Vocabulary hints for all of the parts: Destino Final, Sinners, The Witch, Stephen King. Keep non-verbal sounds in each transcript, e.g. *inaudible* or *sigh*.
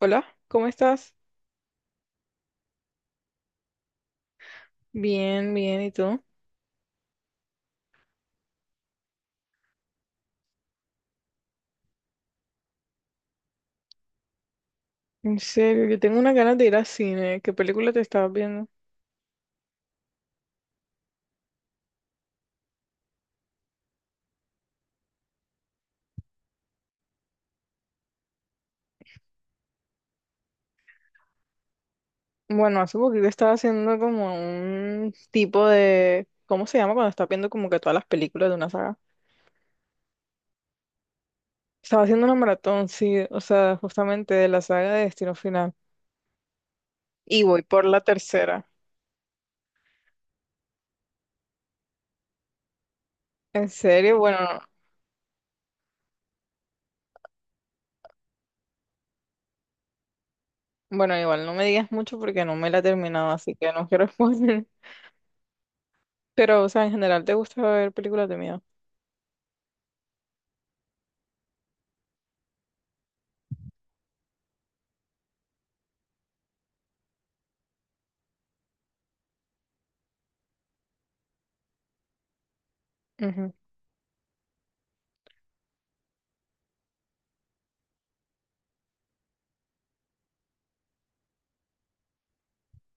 Hola, ¿cómo estás? Bien, bien, ¿y tú? En serio, yo tengo unas ganas de ir al cine. ¿Qué película te estabas viendo? Bueno, hace poquito estaba haciendo como un tipo de ¿cómo se llama cuando estás viendo como que todas las películas de una saga? Estaba haciendo una maratón, sí, o sea, justamente de la saga de Destino Final. Y voy por la tercera. En serio, bueno, bueno, igual no me digas mucho porque no me la he terminado, así que no quiero responder. *laughs* Pero, o sea, en general, ¿te gusta ver películas de miedo?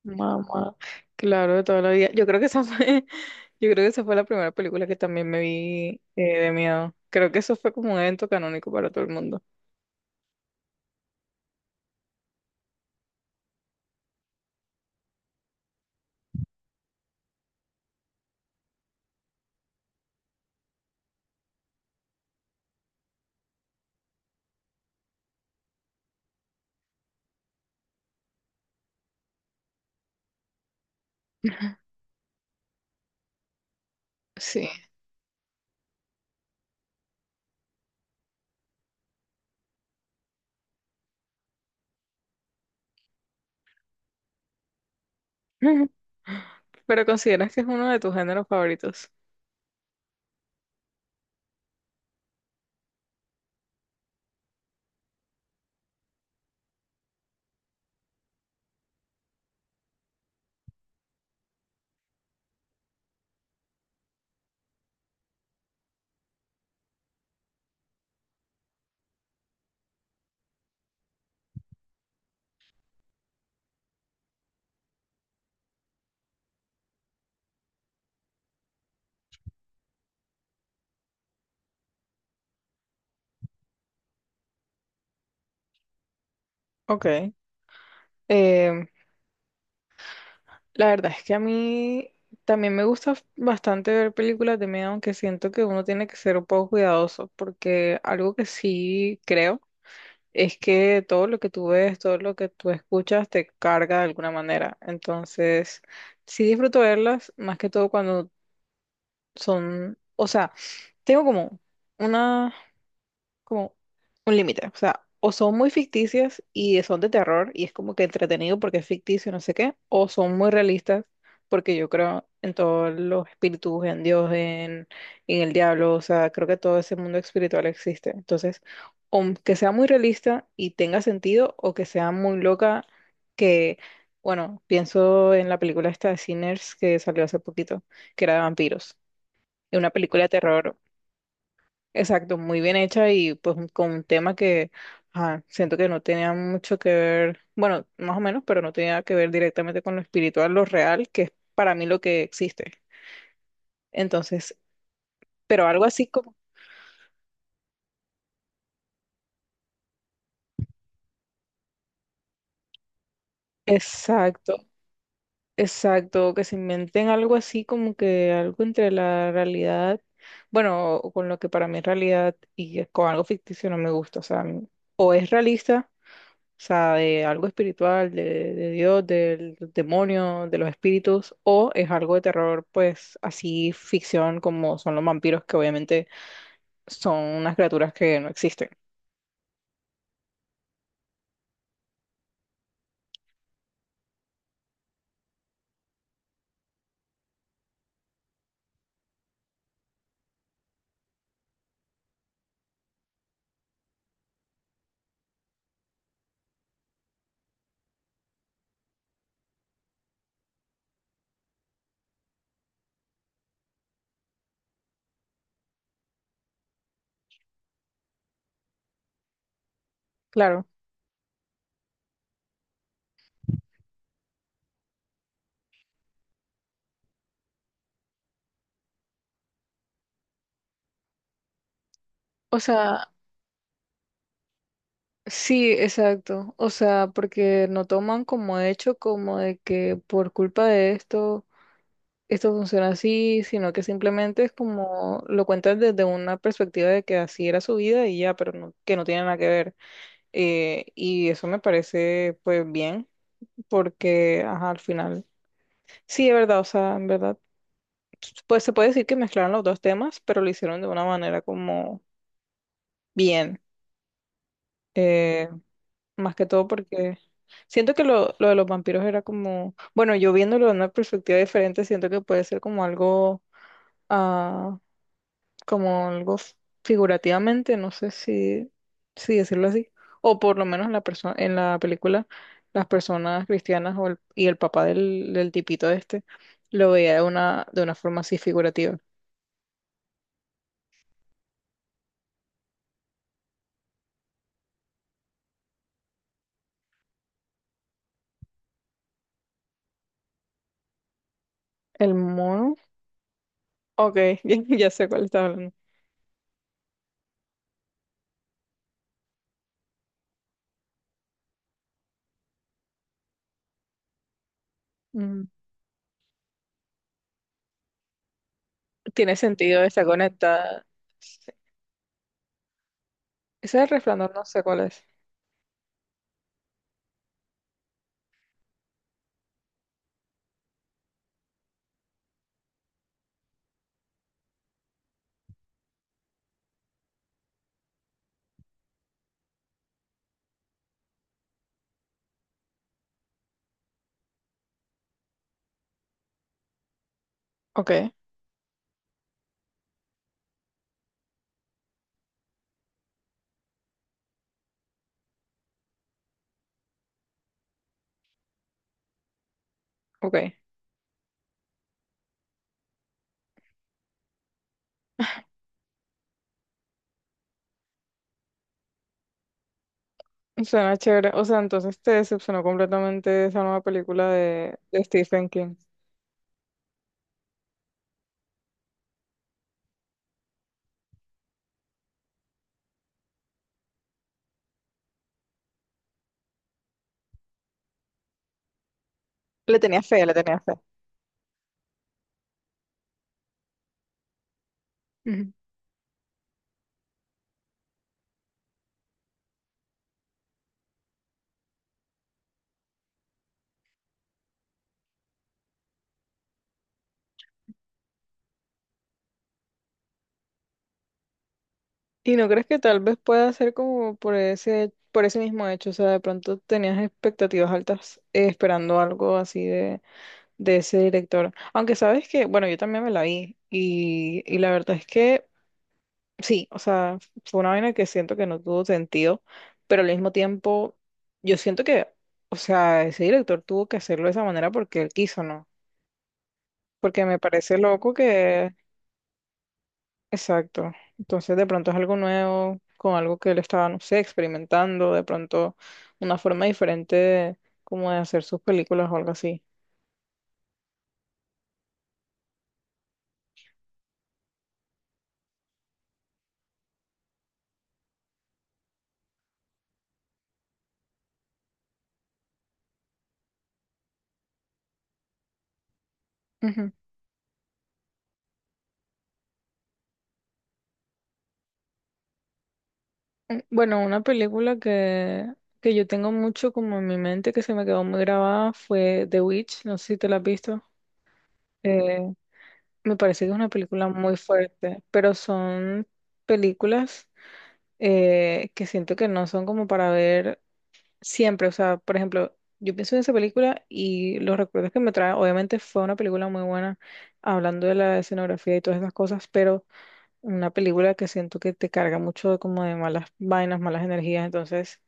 Mamá, *laughs* claro, de toda la vida. Yo creo que esa fue, *laughs* yo creo que esa fue la primera película que también me vi de miedo. Creo que eso fue como un evento canónico para todo el mundo. Sí. *laughs* Pero ¿consideras que es uno de tus géneros favoritos? Ok. Em, la verdad es que a mí también me gusta bastante ver películas de miedo, aunque siento que uno tiene que ser un poco cuidadoso, porque algo que sí creo es que todo lo que tú ves, todo lo que tú escuchas te carga de alguna manera. Entonces, sí disfruto verlas, más que todo cuando son, o sea, tengo como una como un límite. O sea, o son muy ficticias y son de terror y es como que entretenido porque es ficticio, no sé qué, o son muy realistas porque yo creo en todos los espíritus, en Dios, en el diablo, o sea, creo que todo ese mundo espiritual existe. Entonces, o que sea muy realista y tenga sentido, o que sea muy loca, que, bueno, pienso en la película esta de Sinners que salió hace poquito, que era de vampiros. Es una película de terror. Exacto, muy bien hecha y pues un- con un tema que ajá, siento que no tenía mucho que ver, bueno, más o menos, pero no tenía que ver directamente con lo espiritual, lo real, que es para mí lo que existe. Entonces, pero algo así como, exacto, exacto, que se inventen algo así como que algo entre la realidad, bueno, o con lo que para mí es realidad y con algo ficticio no me gusta, o sea, o es realista. O sea, de algo espiritual, de Dios, del demonio, de los espíritus, o es algo de terror, pues así ficción como son los vampiros, que obviamente son unas criaturas que no existen. Claro. O sea, sí, exacto. O sea, porque no toman como hecho como de que por culpa de esto, esto funciona así, sino que simplemente es como lo cuentan desde una perspectiva de que así era su vida y ya, pero no- que no tiene nada que ver. Y eso me parece pues bien, porque ajá, al final, sí, es verdad, o sea, en verdad, pues se puede decir que mezclaron los dos temas, pero lo hicieron de una manera como bien, eh, más que todo porque siento que lo de los vampiros era como, bueno, yo viéndolo de una perspectiva diferente, siento que puede ser como algo... ah, como algo f- figurativamente, no sé si, si decirlo así, o por lo menos en la persona, en la película, las personas cristianas o el- y el papá del, del tipito este lo veía de una forma así figurativa. El mono, ok, *laughs* ya, ya sé cuál está hablando. Mm, tiene sentido, está conectada. Sí. Ese es el resplandor, no sé cuál es. Ok, ok. Suena chévere. O sea, entonces te decepcionó completamente esa nueva película de Stephen King. Le tenía fe, le tenía fe. ¿Y no crees que tal vez pueda ser como por ese mismo hecho? O sea, de pronto tenías expectativas altas esperando algo así de ese director. Aunque sabes que, bueno, yo también me la vi y la verdad es que sí, o sea, fue una vaina que siento que no tuvo sentido, pero al mismo tiempo yo siento que, o sea, ese director tuvo que hacerlo de esa manera porque él quiso, ¿no? Porque me parece loco que. Exacto. Entonces, de pronto es algo nuevo, con algo que él estaba, no sé, experimentando, de pronto una forma diferente de- como de hacer sus películas o algo así. Ujú. Mm, bueno, una película que yo tengo mucho como en mi mente, que se me quedó muy grabada, fue The Witch, no sé si te la has visto. Eh, me parece que es una película muy fuerte, pero son películas que siento que no son como para ver. Siempre, o sea, por ejemplo, yo pienso en esa película y los recuerdos que me trae, obviamente fue una película muy buena, hablando de la escenografía y todas esas cosas, pero una película que siento que te carga mucho de como de malas vainas, malas energías, entonces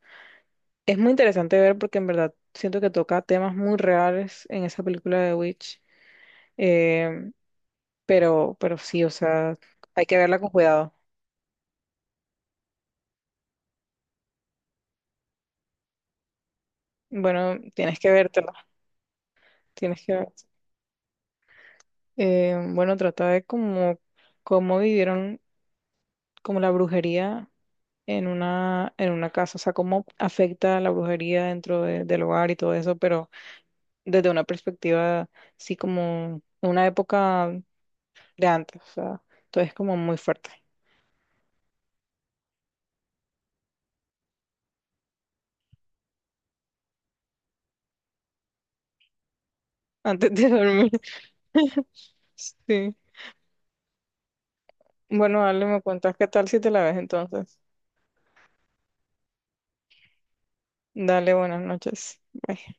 es muy interesante ver porque en verdad siento que toca temas muy reales en esa película de Witch, eh, pero sí, o sea, hay que verla con cuidado. Bueno, tienes que vértela, tienes que ver. Bueno, trata de como cómo vivieron como la brujería en una casa, o sea, cómo afecta la brujería dentro de- del hogar y todo eso, pero desde una perspectiva, sí, como una época de antes, o sea, todo es como muy fuerte, *laughs* antes de dormir. *laughs* Sí. Bueno, dale, me cuentas qué tal si te la ves entonces. Dale, buenas noches. Bye.